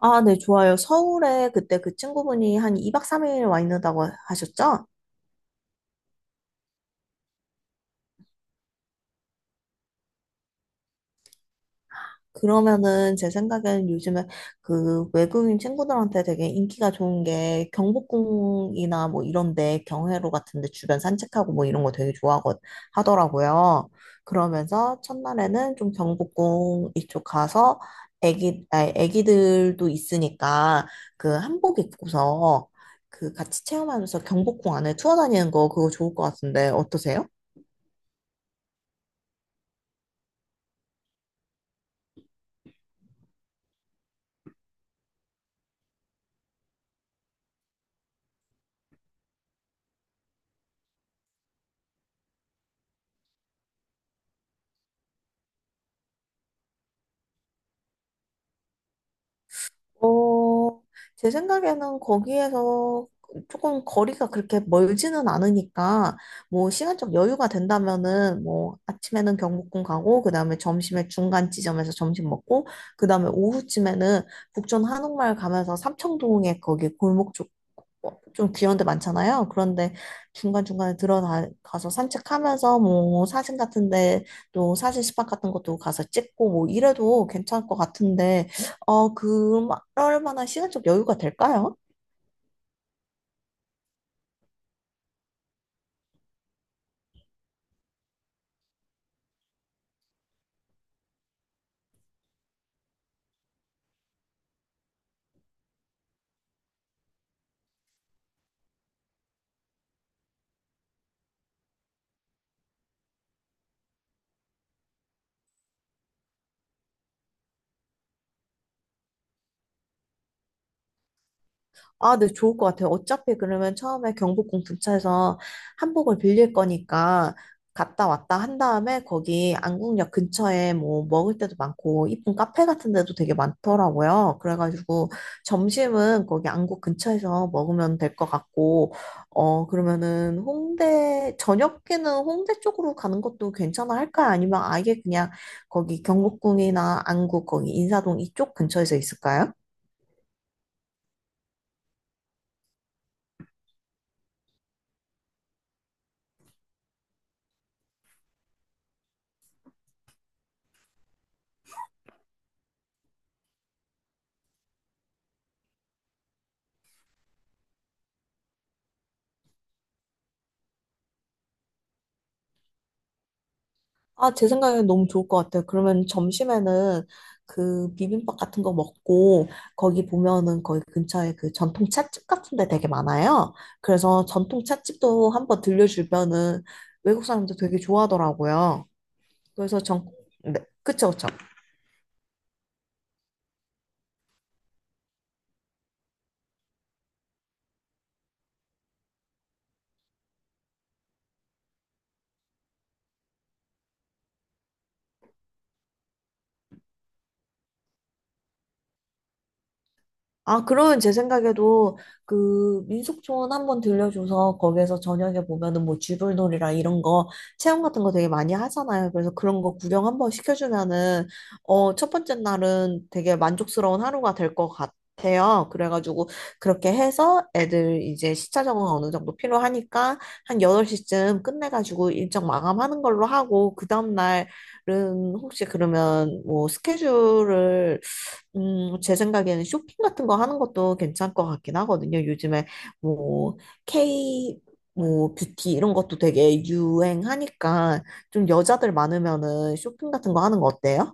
아, 네, 좋아요. 서울에 그때 그 친구분이 한 2박 3일 와 있는다고 하셨죠? 그러면은 제 생각에는 요즘에 그 외국인 친구들한테 되게 인기가 좋은 게 경복궁이나 뭐 이런데 경회로 같은데 주변 산책하고 뭐 이런 거 되게 좋아하고 하더라고요. 그러면서 첫날에는 좀 경복궁 이쪽 가서 애기들도 있으니까 그 한복 입고서 그 같이 체험하면서 경복궁 안에 투어 다니는 거 그거 좋을 것 같은데 어떠세요? 어, 제 생각에는 거기에서 조금 거리가 그렇게 멀지는 않으니까, 뭐, 시간적 여유가 된다면은, 뭐, 아침에는 경복궁 가고, 그 다음에 점심에 중간 지점에서 점심 먹고, 그 다음에 오후쯤에는 북촌 한옥마을 가면서 삼청동에 거기 골목 쪽, 어, 좀 귀여운 데 많잖아요. 그런데 중간중간에 들어가서 산책하면서 뭐, 사진 같은데, 또 사진 스팟 같은 것도 가서 찍고, 뭐, 이래도 괜찮을 것 같은데, 어, 그럴 만한 시간적 여유가 될까요? 아, 네, 좋을 것 같아요. 어차피 그러면 처음에 경복궁 근처에서 한복을 빌릴 거니까 갔다 왔다 한 다음에 거기 안국역 근처에 뭐 먹을 때도 많고 이쁜 카페 같은 데도 되게 많더라고요. 그래가지고 점심은 거기 안국 근처에서 먹으면 될 것 같고, 어, 그러면은 홍대, 저녁에는 홍대 쪽으로 가는 것도 괜찮아 할까요? 아니면 아예 그냥 거기 경복궁이나 안국 거기 인사동 이쪽 근처에서 있을까요? 아, 제 생각엔 너무 좋을 것 같아요. 그러면 점심에는 그 비빔밥 같은 거 먹고 거기 보면은 거기 근처에 그 전통 찻집 같은 데 되게 많아요. 그래서 전통 찻집도 한번 들려주면은 외국 사람들 되게 좋아하더라고요. 그래서 전, 네, 그쵸, 그쵸. 아, 그러면 제 생각에도 그 민속촌 한번 들려줘서 거기에서 저녁에 보면은 뭐 쥐불놀이랑 이런 거 체험 같은 거 되게 많이 하잖아요. 그래서 그런 거 구경 한번 시켜주면은 어, 첫 번째 날은 되게 만족스러운 하루가 될 것 같아요. 그래가지고 그렇게 해서 애들 이제 시차 적응 어느 정도 필요하니까 한 8시쯤 끝내가지고 일정 마감하는 걸로 하고 그 다음날은 혹시 그러면 뭐 스케줄을 제 생각에는 쇼핑 같은 거 하는 것도 괜찮을 것 같긴 하거든요. 요즘에 뭐 K 뭐 뷰티 이런 것도 되게 유행하니까 좀 여자들 많으면은 쇼핑 같은 거 하는 거 어때요?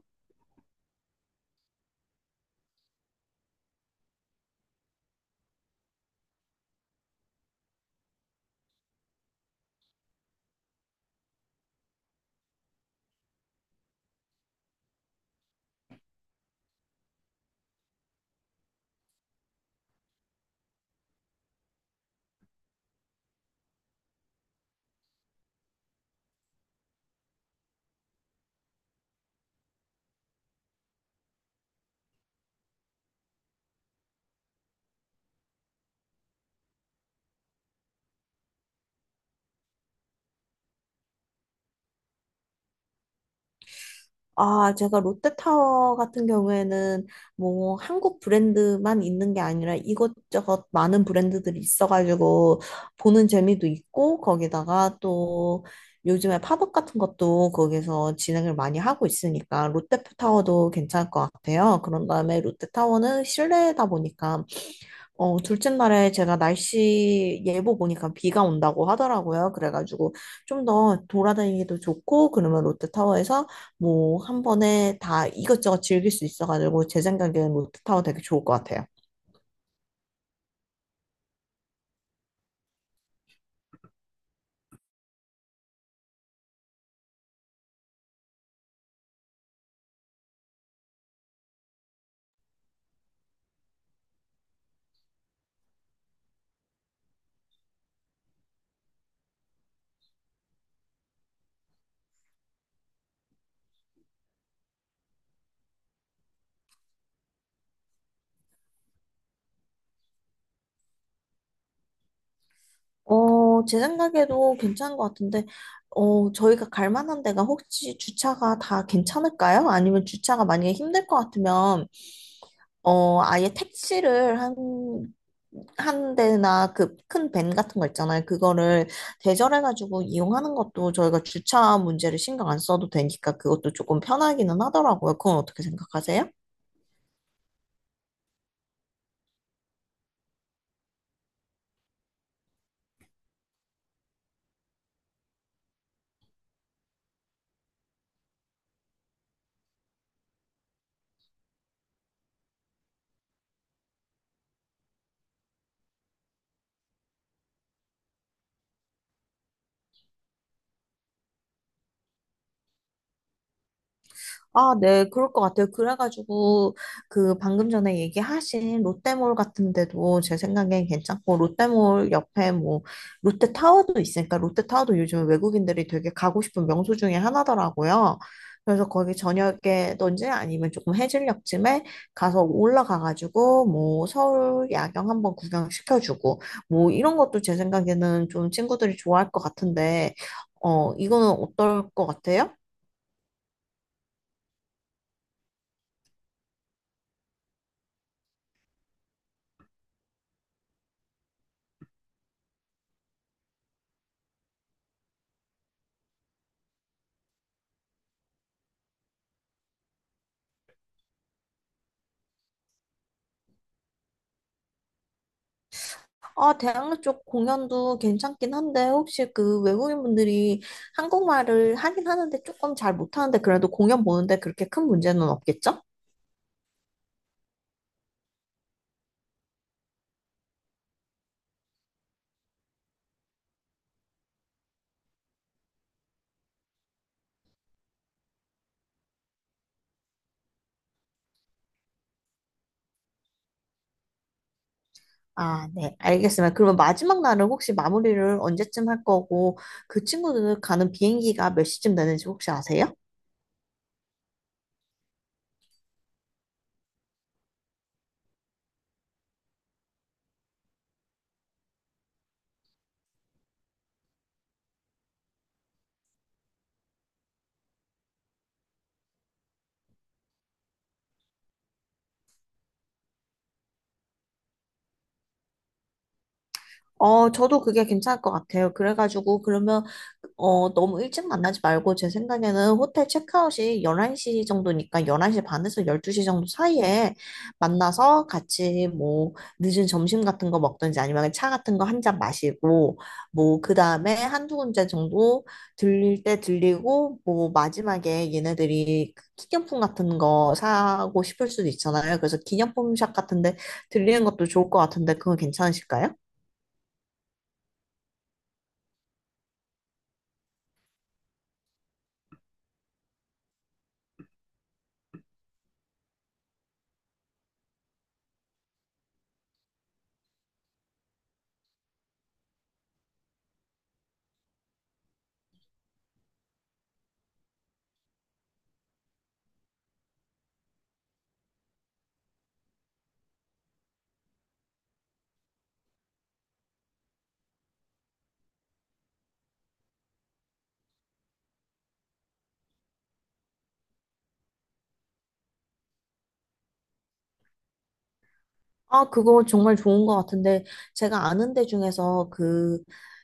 아, 제가 롯데타워 같은 경우에는 뭐 한국 브랜드만 있는 게 아니라 이것저것 많은 브랜드들이 있어가지고 보는 재미도 있고 거기다가 또 요즘에 팝업 같은 것도 거기서 진행을 많이 하고 있으니까 롯데타워도 괜찮을 것 같아요. 그런 다음에 롯데타워는 실내다 보니까 어, 둘째 날에 제가 날씨 예보 보니까 비가 온다고 하더라고요. 그래가지고 좀 더 돌아다니기도 좋고, 그러면 롯데타워에서 뭐 한 번에 다 이것저것 즐길 수 있어가지고 제 생각에는 롯데타워 되게 좋을 것 같아요. 어, 제 생각에도 괜찮은 것 같은데, 어, 저희가 갈 만한 데가 혹시 주차가 다 괜찮을까요? 아니면 주차가 만약에 힘들 것 같으면 어, 아예 택시를 한 대나 그 큰 밴 같은 거 있잖아요. 그거를 대절해가지고 이용하는 것도 저희가 주차 문제를 신경 안 써도 되니까 그것도 조금 편하기는 하더라고요. 그건 어떻게 생각하세요? 아, 네, 그럴 것 같아요. 그래가지고, 그, 방금 전에 얘기하신 롯데몰 같은 데도 제 생각엔 괜찮고, 롯데몰 옆에 뭐, 롯데타워도 있으니까, 롯데타워도 요즘 외국인들이 되게 가고 싶은 명소 중에 하나더라고요. 그래서 거기 저녁에든지 아니면 조금 해질녘쯤에 가서 올라가가지고, 뭐, 서울 야경 한번 구경시켜주고, 뭐, 이런 것도 제 생각에는 좀 친구들이 좋아할 것 같은데, 어, 이거는 어떨 것 같아요? 아, 대학로 쪽 공연도 괜찮긴 한데, 혹시 그 외국인분들이 한국말을 하긴 하는데 조금 잘 못하는데, 그래도 공연 보는데 그렇게 큰 문제는 없겠죠? 아, 네, 알겠습니다. 그러면 마지막 날은 혹시 마무리를 언제쯤 할 거고, 그 친구들 가는 비행기가 몇 시쯤 되는지 혹시 아세요? 어, 저도 그게 괜찮을 것 같아요. 그래가지고, 그러면, 어, 너무 일찍 만나지 말고, 제 생각에는 호텔 체크아웃이 11시 정도니까, 11시 반에서 12시 정도 사이에 만나서 같이 뭐, 늦은 점심 같은 거 먹든지 아니면 차 같은 거 한 잔 마시고, 뭐, 그 다음에 한두 군데 정도 들릴 때 들리고, 뭐, 마지막에 얘네들이 그 기념품 같은 거 사고 싶을 수도 있잖아요. 그래서 기념품 샵 같은데 들리는 것도 좋을 것 같은데, 그건 괜찮으실까요? 아, 그거 정말 좋은 것 같은데, 제가 아는 데 중에서 그,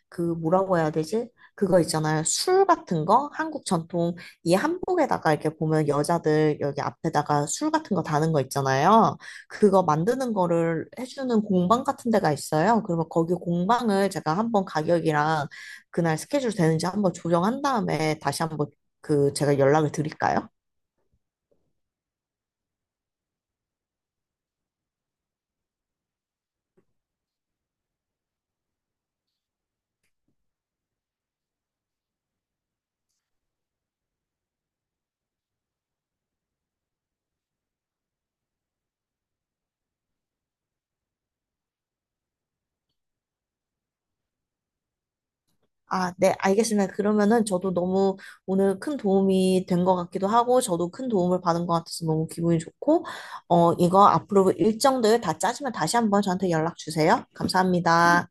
그 뭐라고 해야 되지? 그거 있잖아요. 술 같은 거? 한국 전통, 이 한복에다가 이렇게 보면 여자들 여기 앞에다가 술 같은 거 다는 거 있잖아요. 그거 만드는 거를 해주는 공방 같은 데가 있어요. 그러면 거기 공방을 제가 한번 가격이랑 그날 스케줄 되는지 한번 조정한 다음에 다시 한번 그 제가 연락을 드릴까요? 아, 네, 알겠습니다. 그러면은 저도 너무 오늘 큰 도움이 된 것 같기도 하고, 저도 큰 도움을 받은 것 같아서 너무 기분이 좋고, 어, 이거 앞으로 일정들 다 짜시면 다시 한번 저한테 연락 주세요. 감사합니다.